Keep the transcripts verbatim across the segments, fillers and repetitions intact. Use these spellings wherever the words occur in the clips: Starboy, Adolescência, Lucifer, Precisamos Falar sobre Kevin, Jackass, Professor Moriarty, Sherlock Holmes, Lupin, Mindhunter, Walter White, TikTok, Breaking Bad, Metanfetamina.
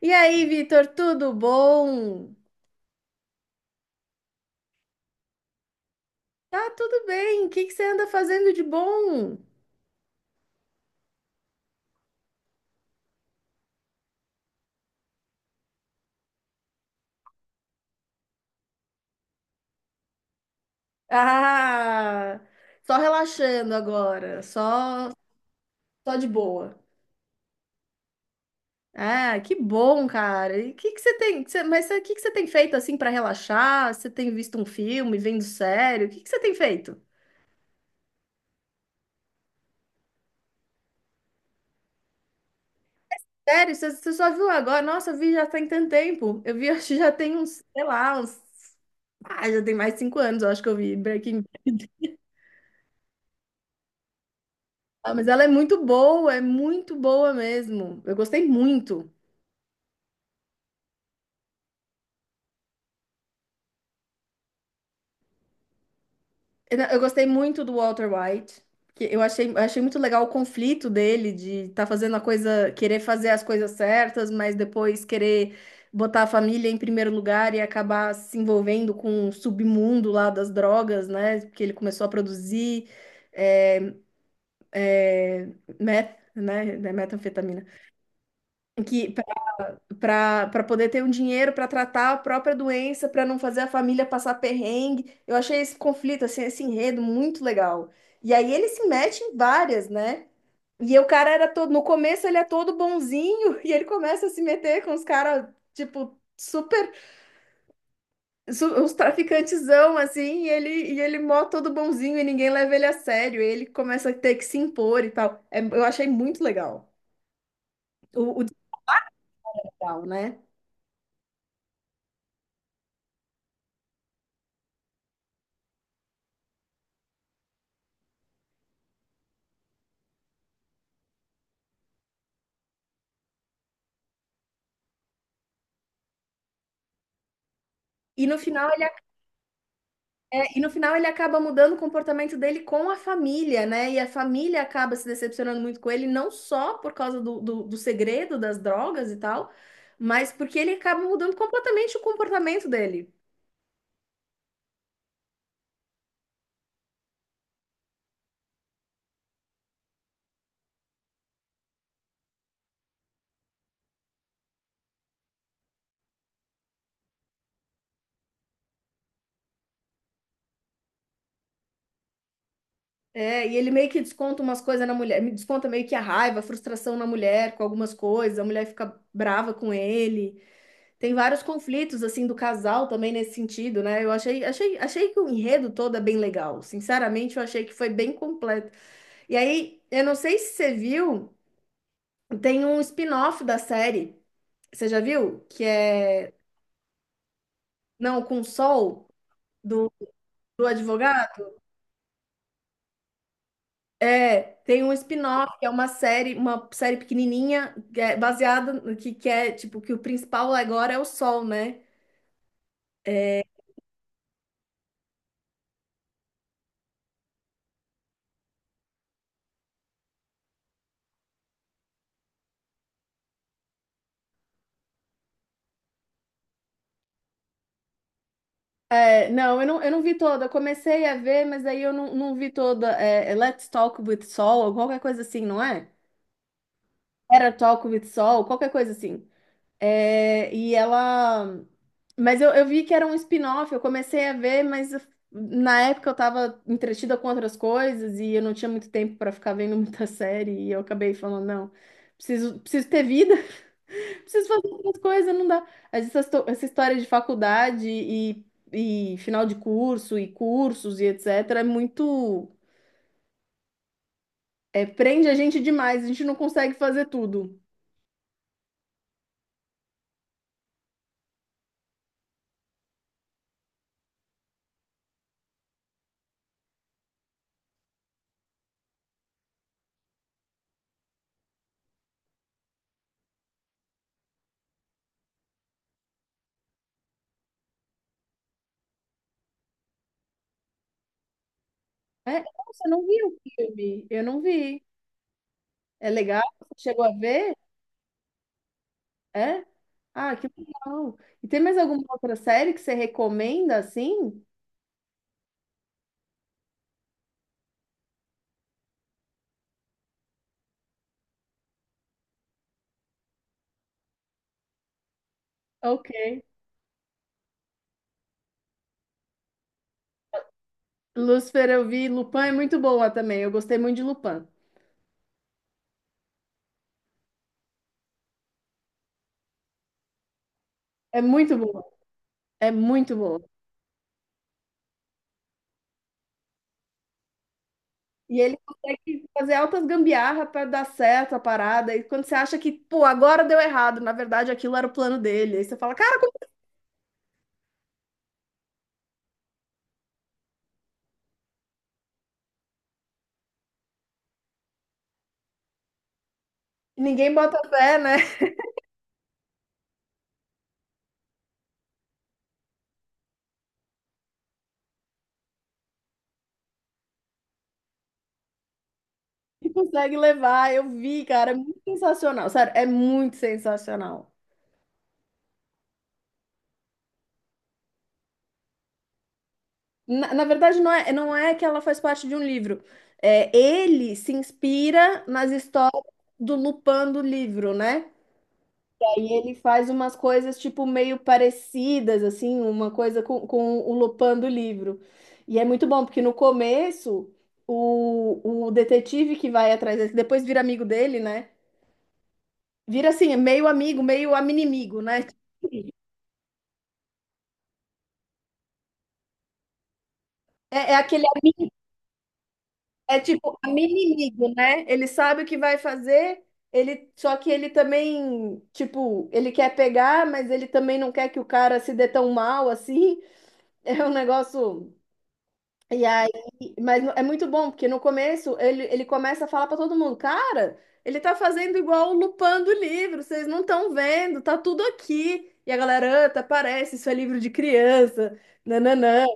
E aí, Vitor, tudo bom? Tá tudo bem. O que que você anda fazendo de bom? Ah, só relaxando agora, só só de boa. Ah, que bom, cara. E o que que você tem, que você- mas o que que você tem feito assim para relaxar? Você tem visto um filme, vendo sério? O que que você tem feito? Sério, você, você só viu agora? Nossa, eu vi já tem tanto tempo. Eu vi, acho que já tem uns, sei lá, uns, ah, já tem mais de cinco anos, eu acho que eu vi Breaking. Ah, mas ela é muito boa, é muito boa mesmo. Eu gostei muito. Eu eu gostei muito do Walter White. que Eu achei, eu achei muito legal o conflito dele de estar fazendo a coisa, querer fazer as coisas certas, mas depois querer botar a família em primeiro lugar e acabar se envolvendo com o submundo lá das drogas, né? Porque ele começou a produzir é, meth, né? né, metanfetamina. Que para para poder ter um dinheiro para tratar a própria doença, para não fazer a família passar perrengue. Eu achei esse conflito, assim, esse enredo muito legal. E aí ele se mete em várias, né? E o cara era todo, no começo ele é todo bonzinho e ele começa a se meter com os caras, tipo, super, su- os traficantezão, assim, e ele, e ele mó todo bonzinho e ninguém leva ele a sério. E ele começa a ter que se impor e tal. É- eu achei muito legal, o, o desenrolar, né? E no final É, e no final ele acaba mudando o comportamento dele com a família, né? E a família acaba se decepcionando muito com ele, não só por causa do, do, do segredo das drogas e tal, mas porque ele acaba mudando completamente o comportamento dele. É, e ele meio que desconta umas coisas na mulher, me desconta meio que a raiva, a frustração na mulher com algumas coisas, a mulher fica brava com ele. Tem vários conflitos assim do casal também nesse sentido, né? Eu achei, achei, achei que o enredo todo é bem legal. Sinceramente, eu achei que foi bem completo. E aí, eu não sei se você viu, tem um spin-off da série. Você já viu? Que é não com Sol do, do advogado? É, tem um spin-off, que é uma série, uma série pequenininha, que é baseada no que, que é, tipo, que o principal agora é o Sol, né? É, não, eu não, eu não vi toda. Eu comecei a ver, mas aí eu não, não vi toda. É, é Let's Talk with Sol, ou qualquer coisa assim, não é? Era Talk with Sol, qualquer coisa assim. É, e ela. Mas eu, eu vi que era um spin-off, eu comecei a ver, mas eu- na época eu tava entretida com outras coisas e eu não tinha muito tempo para ficar vendo muita série e eu acabei falando, não, preciso, preciso ter vida, preciso fazer outras coisas, não dá. Mas Essa, histo- essa história de faculdade e, e final de curso e cursos e etcétera é muito. É, prende a gente demais, a gente não consegue fazer tudo. É, nossa, eu não vi o filme, eu não vi. É legal? Você chegou a ver? É? Ah, que legal. E tem mais alguma outra série que você recomenda assim? Ok. Lucifer eu vi. Lupin é muito boa também. Eu gostei muito de Lupin. É muito boa. É muito boa. E ele consegue fazer altas gambiarra para dar certo a parada. E quando você acha que, pô, agora deu errado, na verdade aquilo era o plano dele. Aí você fala, cara, ninguém bota fé, né? E consegue levar. Eu vi, cara. É muito sensacional. Sério, é muito sensacional. Na, na verdade, não é, não é que ela faz parte de um livro. É, ele se inspira nas histórias do Lupin do livro, né? E aí ele faz umas coisas, tipo, meio parecidas, assim, uma coisa com, com o Lupin do livro. E é muito bom, porque no começo, o, o detetive que vai atrás dele, que depois vira amigo dele, né? Vira assim, meio amigo, meio aminimigo, né? É, é aquele. É tipo amigo inimigo, né? Ele sabe o que vai fazer, ele só que ele também, tipo, ele quer pegar, mas ele também não quer que o cara se dê tão mal assim. É um negócio. E aí, mas é muito bom, porque no começo ele, ele começa a falar pra todo mundo, cara, ele tá fazendo igual o Lupin do livro, vocês não estão vendo, tá tudo aqui. E a galera, "Ah, tá parece, isso é livro de criança. Nananã."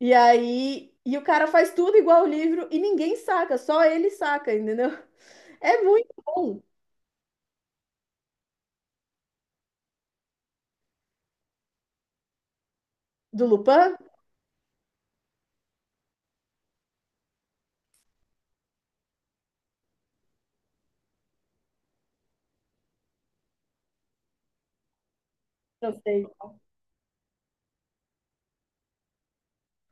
E aí, e o cara faz tudo igual o livro e ninguém saca, só ele saca, entendeu? É muito bom. Do Lupin? Não sei.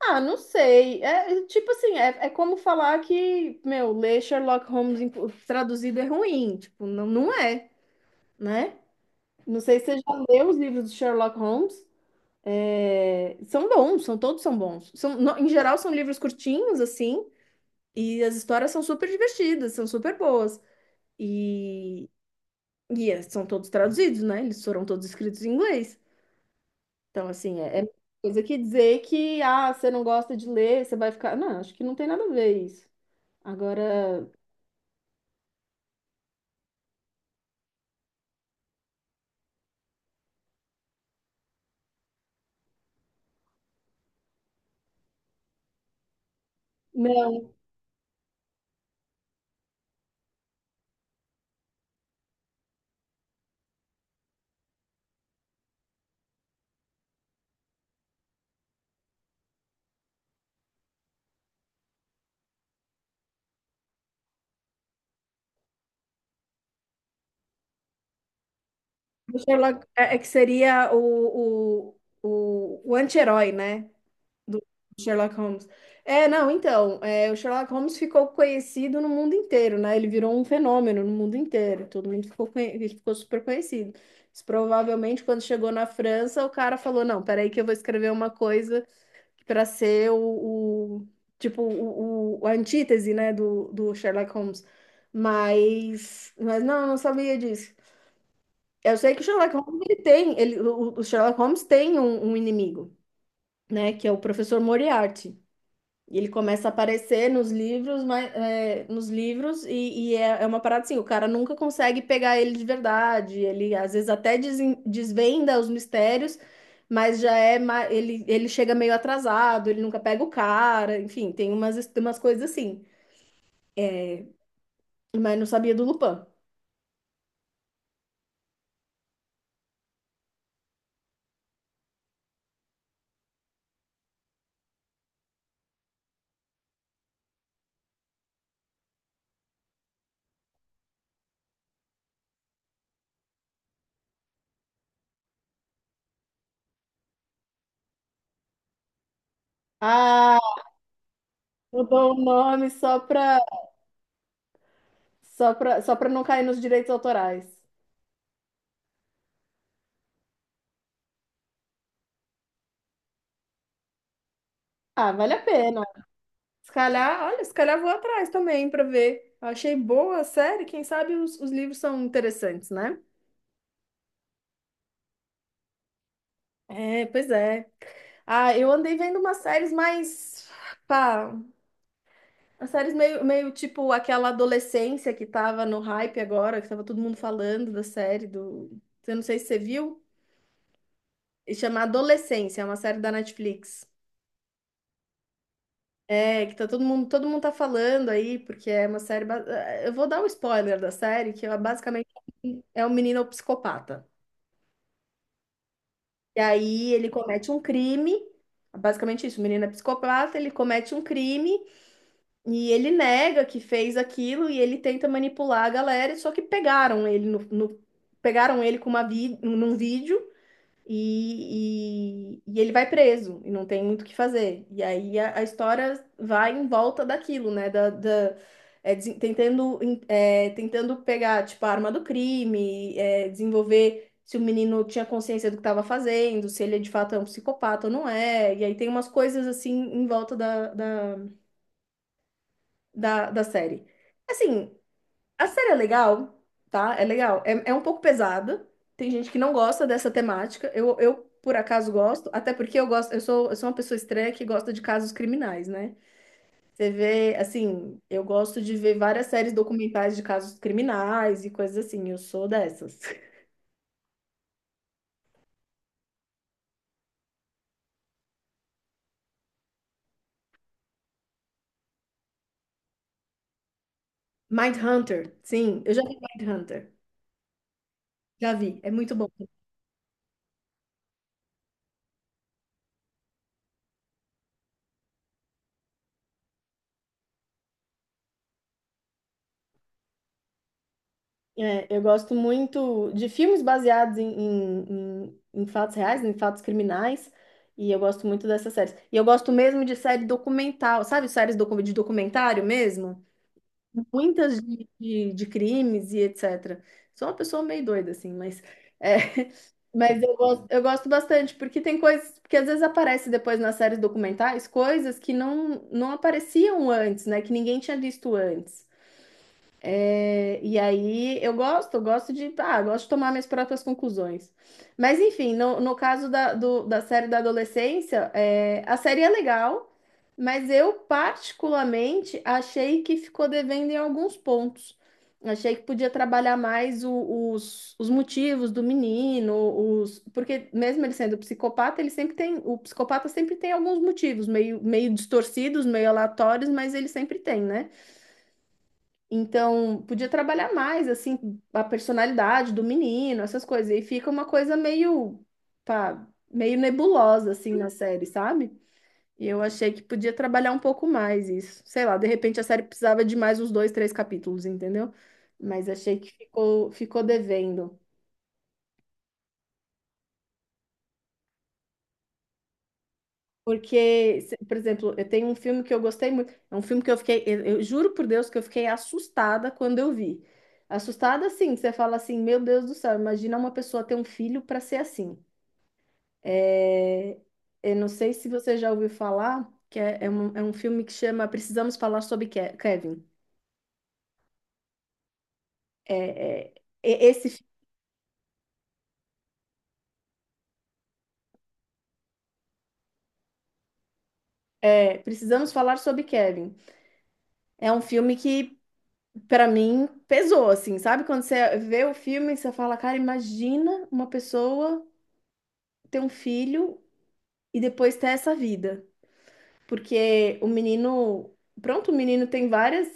Ah, não sei. É é, tipo assim, é, é como falar que, meu, ler Sherlock Holmes em- traduzido é ruim. Tipo, não, não é, né? Não sei se você já leu os livros do Sherlock Holmes. É, são bons, são todos são bons. São, no- em geral, são livros curtinhos, assim, e as histórias são super divertidas, são super boas. e E é, são todos traduzidos, né? Eles foram todos escritos em inglês. Então, assim, é, é coisa que dizer que, ah, você não gosta de ler, você vai ficar. Não, acho que não tem nada a ver isso. Agora, não, o Sherlock é é que seria o, o, o, o anti-herói, né? Do Sherlock Holmes. É, não, então, é, o Sherlock Holmes ficou conhecido no mundo inteiro, né? Ele virou um fenômeno no mundo inteiro. Todo mundo ficou, conhe- ele ficou super conhecido. Mas provavelmente, quando chegou na França, o cara falou: "Não, peraí, que eu vou escrever uma coisa para ser o, o- tipo, o, o- a antítese, né, do, do Sherlock Holmes." Mas, mas não, eu não sabia disso. Eu sei que o Sherlock Holmes ele tem, ele, o, o Sherlock Holmes tem um um inimigo, né? Que é o professor Moriarty. E ele começa a aparecer nos livros, mas, é, nos livros e, e é, é uma parada assim, o cara nunca consegue pegar ele de verdade, ele às vezes até desen- desvenda os mistérios, mas já é, ma- ele, ele chega meio atrasado, ele nunca pega o cara, enfim, tem umas, his- umas coisas assim, mas não sabia do Lupin. Ah, mudou o nome só pra, só pra, só pra não cair nos direitos autorais. Ah, vale a pena. Se calhar, olha, se calhar vou atrás também para ver. Eu achei boa a série, quem sabe os, os livros são interessantes, né? É, pois é. Ah, eu andei vendo umas séries mais, pá, umas séries meio, meio tipo aquela adolescência que tava no hype agora, que tava todo mundo falando da série do, eu não sei se você viu, e chama Adolescência, é uma série da Netflix. É, que tá todo mundo, todo mundo tá falando aí, porque é uma série, ba- eh, eu vou dar um spoiler da série, que é basicamente é um menino psicopata. E aí ele comete um crime, basicamente isso, o menino é psicopata, ele comete um crime e ele nega que fez aquilo e ele tenta manipular a galera, só que pegaram ele no, no- pegaram ele com uma vi num vídeo e, e, e ele vai preso e não tem muito o que fazer. E aí a, a história vai em volta daquilo, né? Da, da- é, desen- tentando, é, tentando pegar, tipo, a arma do crime, é, desenvolver se o menino tinha consciência do que estava fazendo, se ele de fato é um psicopata ou não é. E aí tem umas coisas assim em volta da, da, da, da série. Assim. A série é legal, tá? É legal. É, é um pouco pesada. Tem gente que não gosta dessa temática. Eu, eu, por acaso, gosto, até porque eu gosto, eu sou, eu sou uma pessoa estranha que gosta de casos criminais, né? Você vê, assim, eu gosto de ver várias séries documentais de casos criminais e coisas assim. Eu sou dessas. Mindhunter, sim, eu já vi Mindhunter. Já vi, é muito bom. É, eu gosto muito de filmes baseados em, em, em- em fatos reais, em fatos criminais, e eu gosto muito dessas séries. E eu gosto mesmo de série documental, sabe? Séries docu- de documentário mesmo? Muitas de, de, de crimes e etcétera. Sou uma pessoa meio doida, assim, mas, é, mas eu gosto, eu gosto bastante, porque tem coisas, porque às vezes aparece depois nas séries documentais coisas que não, não apareciam antes, né? Que ninguém tinha visto antes. É, e aí eu gosto, eu gosto de, ah, gosto de tomar minhas próprias conclusões. Mas enfim, no, no caso da, do- da série da adolescência, é, a série é legal, mas eu particularmente achei que ficou devendo em alguns pontos. Achei que podia trabalhar mais o- os, os motivos do menino, os, porque mesmo ele sendo psicopata, ele sempre tem, o psicopata sempre tem alguns motivos, meio, meio distorcidos, meio aleatórios, mas ele sempre tem, né? Então, podia trabalhar mais, assim, a personalidade do menino, essas coisas. E fica uma coisa meio, pá, meio nebulosa, assim, na série, sabe? E eu achei que podia trabalhar um pouco mais isso. Sei lá, de repente a série precisava de mais uns dois, três capítulos, entendeu? Mas achei que ficou, ficou devendo. Porque, se- por exemplo, eu tenho um filme que eu gostei muito. É um filme que eu fiquei, eu, eu juro por Deus que eu fiquei assustada quando eu vi. Assustada, assim, que você fala assim, meu Deus do céu, imagina uma pessoa ter um filho para ser assim. É, eu não sei se você já ouviu falar, que é, é um, é um filme que chama Precisamos Falar sobre Ke- Kevin. É, é, e- esse fi- é, Precisamos Falar sobre Kevin. É um filme que, para mim, pesou, assim, sabe? Quando você vê o filme, você fala, cara, imagina uma pessoa ter um filho e depois ter essa vida. Porque o menino. Pronto, o menino tem várias.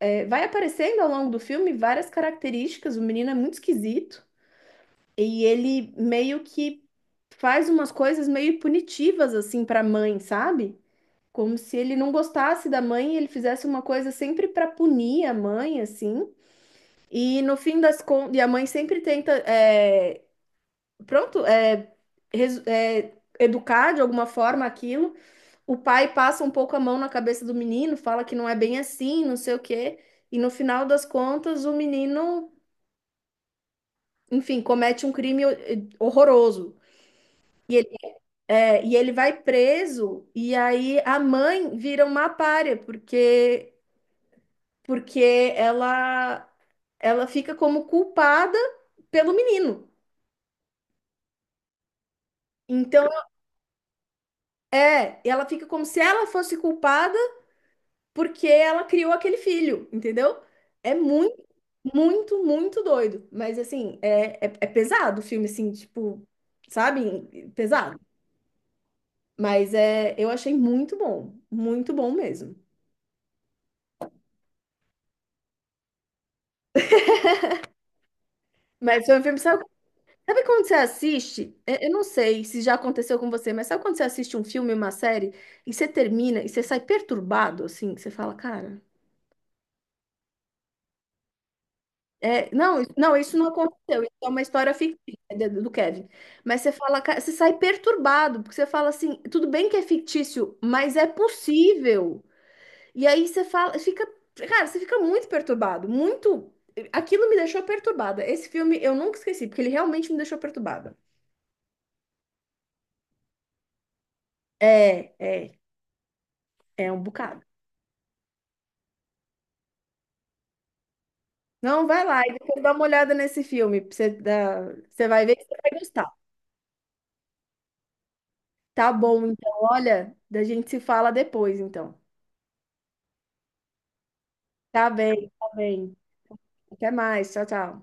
é, Vai aparecendo ao longo do filme várias características. O menino é muito esquisito. E ele meio que faz umas coisas meio punitivas, assim, para a mãe, sabe? Como se ele não gostasse da mãe e ele fizesse uma coisa sempre para punir a mãe, assim. E no fim das contas. E a mãe sempre tenta. É, pronto, é, resu- é, Educar de alguma forma aquilo. O pai passa um pouco a mão na cabeça do menino, fala que não é bem assim, não sei o quê, e no final das contas o menino, enfim, comete um crime eh, horroroso. E ele, é, e ele vai preso, e aí a mãe vira uma pária, porque, porque ela, ela fica como culpada pelo menino. Então, é, ela fica como se ela fosse culpada porque ela criou aquele filho, entendeu? É muito, muito, muito doido. Mas assim, é, é, é pesado o filme, assim, tipo, sabe? Pesado. Mas é, eu achei muito bom, muito bom mesmo. Mas foi um filme, sabe, sabe quando você assiste? É, eu não sei se já aconteceu com você, mas sabe quando você assiste um filme, uma série, e você termina e você sai perturbado, assim, que você fala, cara. É, não, isso- não, isso não aconteceu. Isso é uma história fictícia do do Kevin. Mas você fala, ca- você sai perturbado, porque você fala assim, tudo bem que é fictício, mas é possível. E aí você fala, fica, cara, você fica muito perturbado, muito. Aquilo me deixou perturbada. Esse filme eu nunca esqueci, porque ele realmente me deixou perturbada. É, é, é um bocado. Não, vai lá e depois dá uma olhada nesse filme. Pra Você, dar- você vai ver que você vai gostar. Tá bom, então, olha, da gente se fala depois, então. Tá bem, tá bem. Até mais. Tchau, tchau.